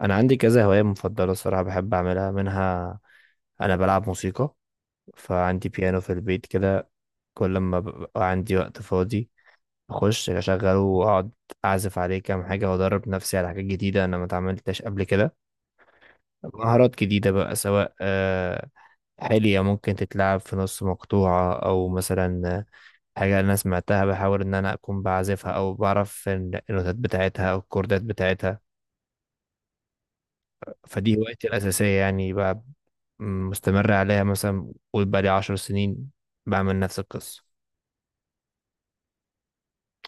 انا عندي كذا هوايه مفضله الصراحه بحب اعملها منها. انا بلعب موسيقى. فعندي بيانو في البيت كده. كل ما ببقى عندي وقت فاضي اخش اشغله واقعد اعزف عليه كام حاجه وادرب نفسي على حاجات جديده انا ما اتعاملتش قبل كده. مهارات جديده بقى سواء حلية ممكن تتلعب في نص مقطوعه او مثلا حاجه انا سمعتها بحاول ان انا اكون بعزفها او بعرف النوتات بتاعتها او الكوردات بتاعتها. فدي هوايتي الاساسيه يعني بقى. مستمر عليها مثلا قول بقالي 10 سنين بعمل نفس القصة.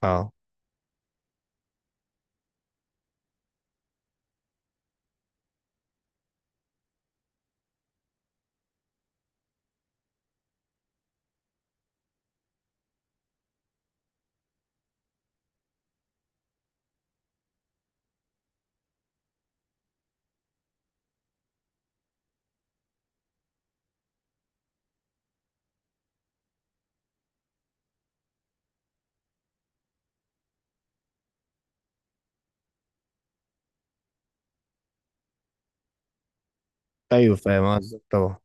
اه. ايوه فاهم قصدك طبعا.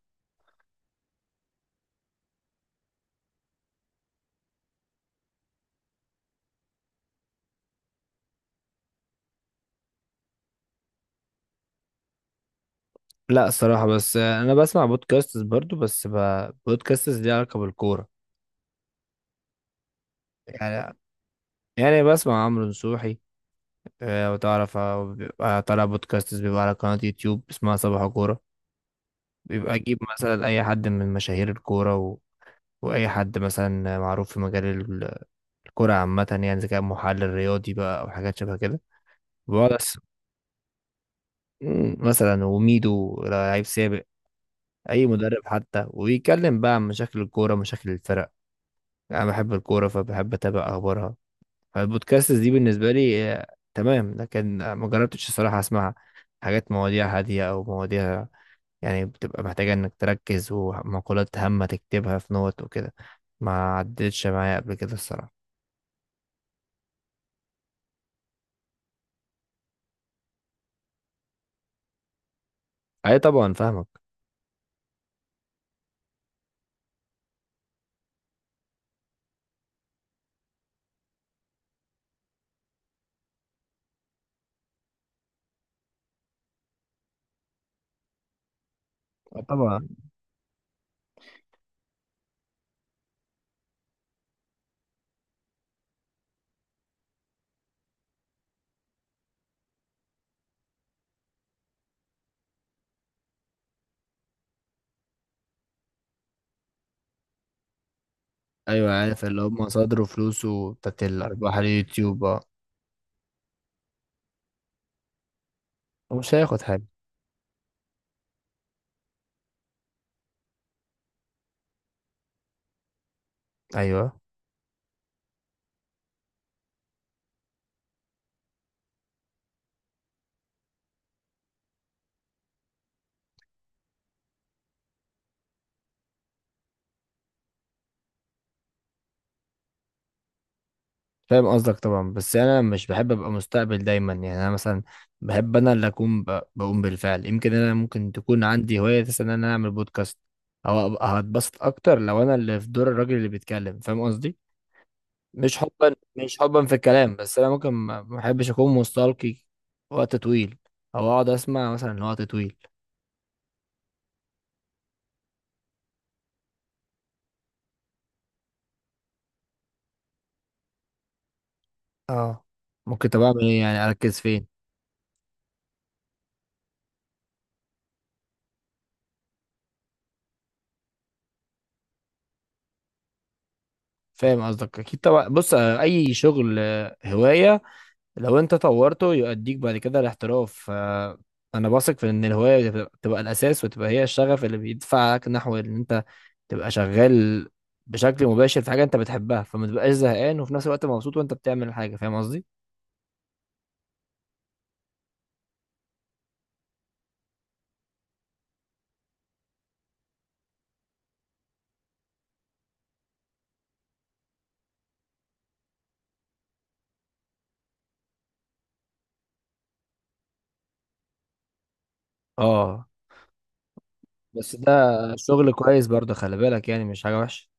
لا الصراحة بس انا بسمع بودكاستس برضو بس بودكاستس ليها علاقة بالكورة. يعني بسمع عمرو نصوحي. وتعرف بيبقى طالع بودكاستس بيبقى على قناة يوتيوب اسمها صباح كورة. بيبقى اجيب مثلا اي حد من مشاهير الكورة واي حد مثلا معروف في مجال الكورة عامة يعني اذا كان محلل رياضي بقى او حاجات شبه كده. بقعد مثلا وميدو لعيب سابق. اي مدرب حتى ويتكلم بقى عن مشاكل الكوره مشاكل الفرق. انا بحب الكوره فبحب اتابع اخبارها. فالبودكاست دي بالنسبه لي تمام، لكن ما جربتش الصراحه اسمع حاجات مواضيع هاديه او مواضيع يعني بتبقى محتاجه انك تركز ومقولات هامه تكتبها في نوت وكده. ما عدتش معايا قبل كده الصراحه. اي طبعا فاهمك. آه، طبعا. ايوه عارف اللي هم صدروا فلوسه بتاعت الارباح اليوتيوب ومش هياخد حاجه. ايوه فاهم قصدك طبعا. بس انا مش بحب ابقى مستقبل دايما يعني انا مثلا بحب انا اللي اكون بقوم بالفعل. يمكن انا ممكن تكون عندي هوايه مثلا ان انا اعمل بودكاست او أبقى هتبسط اكتر لو انا اللي في دور الراجل اللي بيتكلم فاهم قصدي. مش حبا في الكلام، بس انا ممكن ما بحبش اكون مستلقي وقت طويل او اقعد اسمع مثلا وقت طويل. اه. ممكن طب اعمل ايه يعني اركز فين؟ فاهم قصدك اكيد طبعا. بص اي شغل هوايه لو انت طورته يؤديك بعد كده الاحتراف فانا بثق في ان الهوايه بتبقى الاساس وتبقى هي الشغف اللي بيدفعك نحو ان انت تبقى شغال بشكل مباشر في حاجه انت بتحبها فما تبقاش زهقان وفي نفس الوقت مبسوط وانت بتعمل الحاجه فاهم قصدي. اه بس ده شغل كويس برضه، خلي بالك يعني مش حاجه وحشه.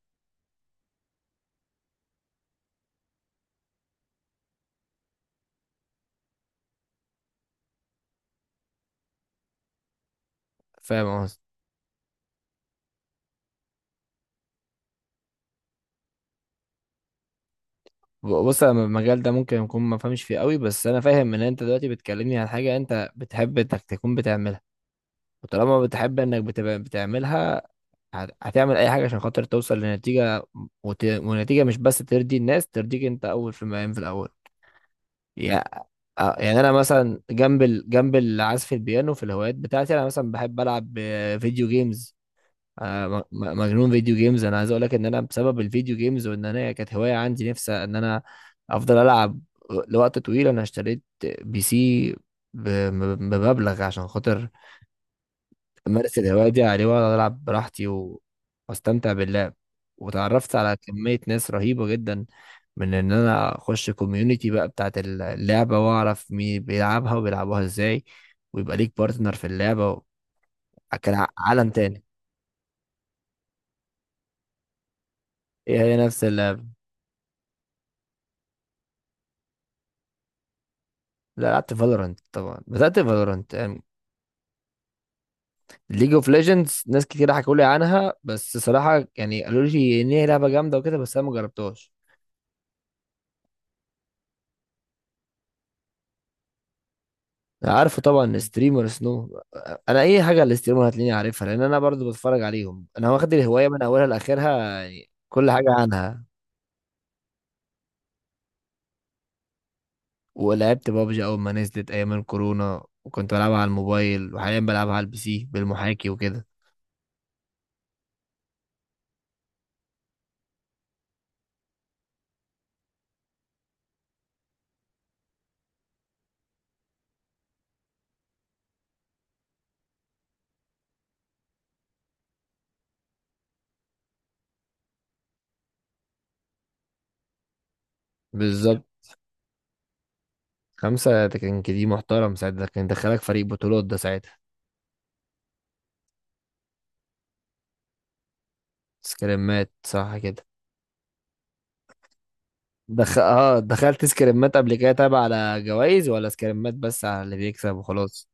فاهم قصدي. بص انا المجال ده ممكن يكون ما فهمش فيه قوي بس انا فاهم ان انت دلوقتي بتكلمني عن حاجه انت بتحب انك تكون بتعملها. وطالما بتحب انك بتبقى بتعملها هتعمل اي حاجه عشان خاطر توصل لنتيجه ونتيجه مش بس ترضي الناس، ترضيك انت اول في المقام في الاول. يا- يعني انا مثلا جنب جنب العزف البيانو في الهوايات بتاعتي انا مثلا بحب العب فيديو جيمز. مجنون فيديو جيمز. انا عايز اقول لك ان انا بسبب الفيديو جيمز وان انا كانت هوايه عندي نفسي ان انا افضل العب لوقت طويل انا اشتريت بي سي بمبلغ عشان خاطر امارس الهوايه دي على الهواء، واقعد العب براحتي واستمتع باللعب وتعرفت على كميه ناس رهيبه جدا من ان انا اخش كوميونتي بقى بتاعت اللعبه واعرف مين بيلعبها وبيلعبوها ازاي ويبقى ليك بارتنر في اللعبه. كان عالم تاني. ايه، هي نفس اللعبه. لا لعبت فالورنت طبعا، بدات فالورنت. ليج اوف ليجندز ناس كتير حكوا لي عنها بس صراحه يعني قالوا لي ان هي لعبه جامده وكده بس انا ما جربتهاش. عارفه طبعا ستريمر سنو. انا اي حاجه على الستريمر هتلاقيني عارفها لان انا برضو بتفرج عليهم، انا واخد الهوايه من اولها لاخرها يعني كل حاجه عنها. ولعبت بابجي اول ما نزلت ايام الكورونا وكنت بلعبها على الموبايل وحاليا بلعبها على البي سي بالمحاكي وكده. بالظبط. خمسة ده كان كده محترم ساعتها، ده كان دخلك فريق بطولات ده ساعتها. سكريمات صح كده؟ اه دخلت سكريمات قبل كده تابع على جوائز ولا سكريمات بس على اللي بيكسب وخلاص.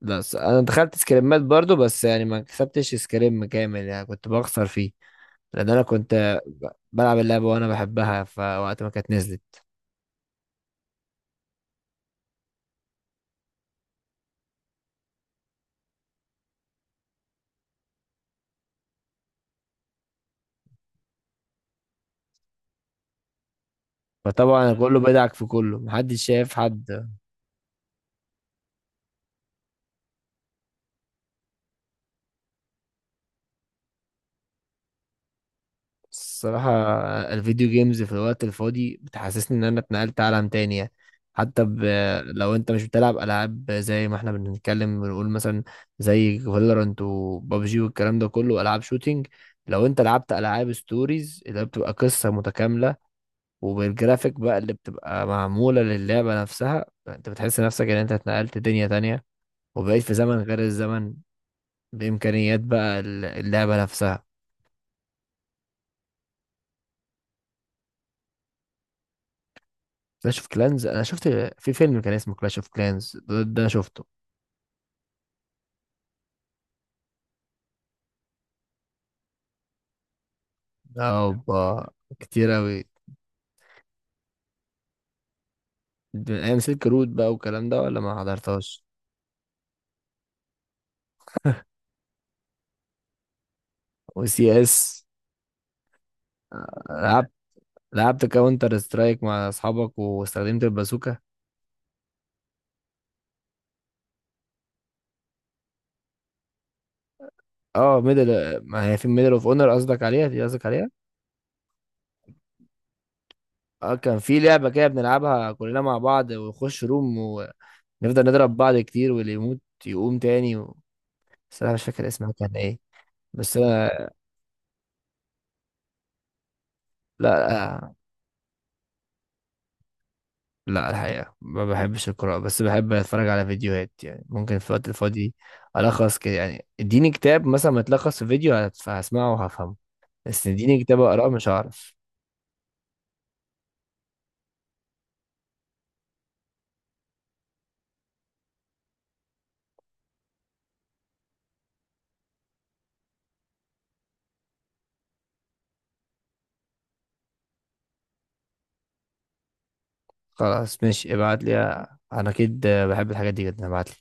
لا انا دخلت سكريمات برضو بس يعني ما كسبتش سكريم كامل يعني كنت بخسر فيه لان انا كنت بلعب اللعبه وانا بحبها فوقت ما كانت نزلت. فطبعا كله بدعك في كله محدش شايف حد. الصراحه الفيديو جيمز في الوقت الفاضي بتحسسني ان انا اتنقلت عالم تاني يعني. حتى ب... لو انت مش بتلعب العاب زي ما احنا بنتكلم بنقول مثلا زي فالورانت وبابجي والكلام ده كله العاب شوتينج، لو انت لعبت العاب ستوريز اللي هي بتبقى قصه متكامله وبالجرافيك بقى اللي بتبقى معمولة للعبة نفسها انت بتحس نفسك ان انت اتنقلت دنيا تانية وبقيت في زمن غير الزمن بإمكانيات بقى اللعبة نفسها. كلاش اوف كلانز انا شفت في فيلم كان اسمه كلاش اوف كلانز ده شفته. اوبا، كتير اوي. ده ايام سلك رود بقى والكلام ده ولا ما حضرتهاش. وسي اس. لعبت لعبت كاونتر سترايك مع اصحابك واستخدمت البازوكا. اه ميدل، ما هي في ميدل اوف اونر، قصدك عليها دي قصدك عليها. اه كان في لعبة كده بنلعبها كلنا مع بعض ونخش روم ونفضل نضرب بعض كتير واللي يموت يقوم تاني بس انا مش فاكر اسمها كان ايه. بس انا لا لا الحقيقة ما بحبش القراءة بس بحب اتفرج على فيديوهات يعني ممكن في الوقت الفاضي الخص كده يعني اديني كتاب مثلا متلخص في فيديو هسمعه وهفهمه. بس اديني كتاب اقراه مش هعرف. خلاص ماشي ابعت لي. انا اكيد بحب الحاجات دي جدا ابعت لي.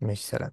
ماشي سلام.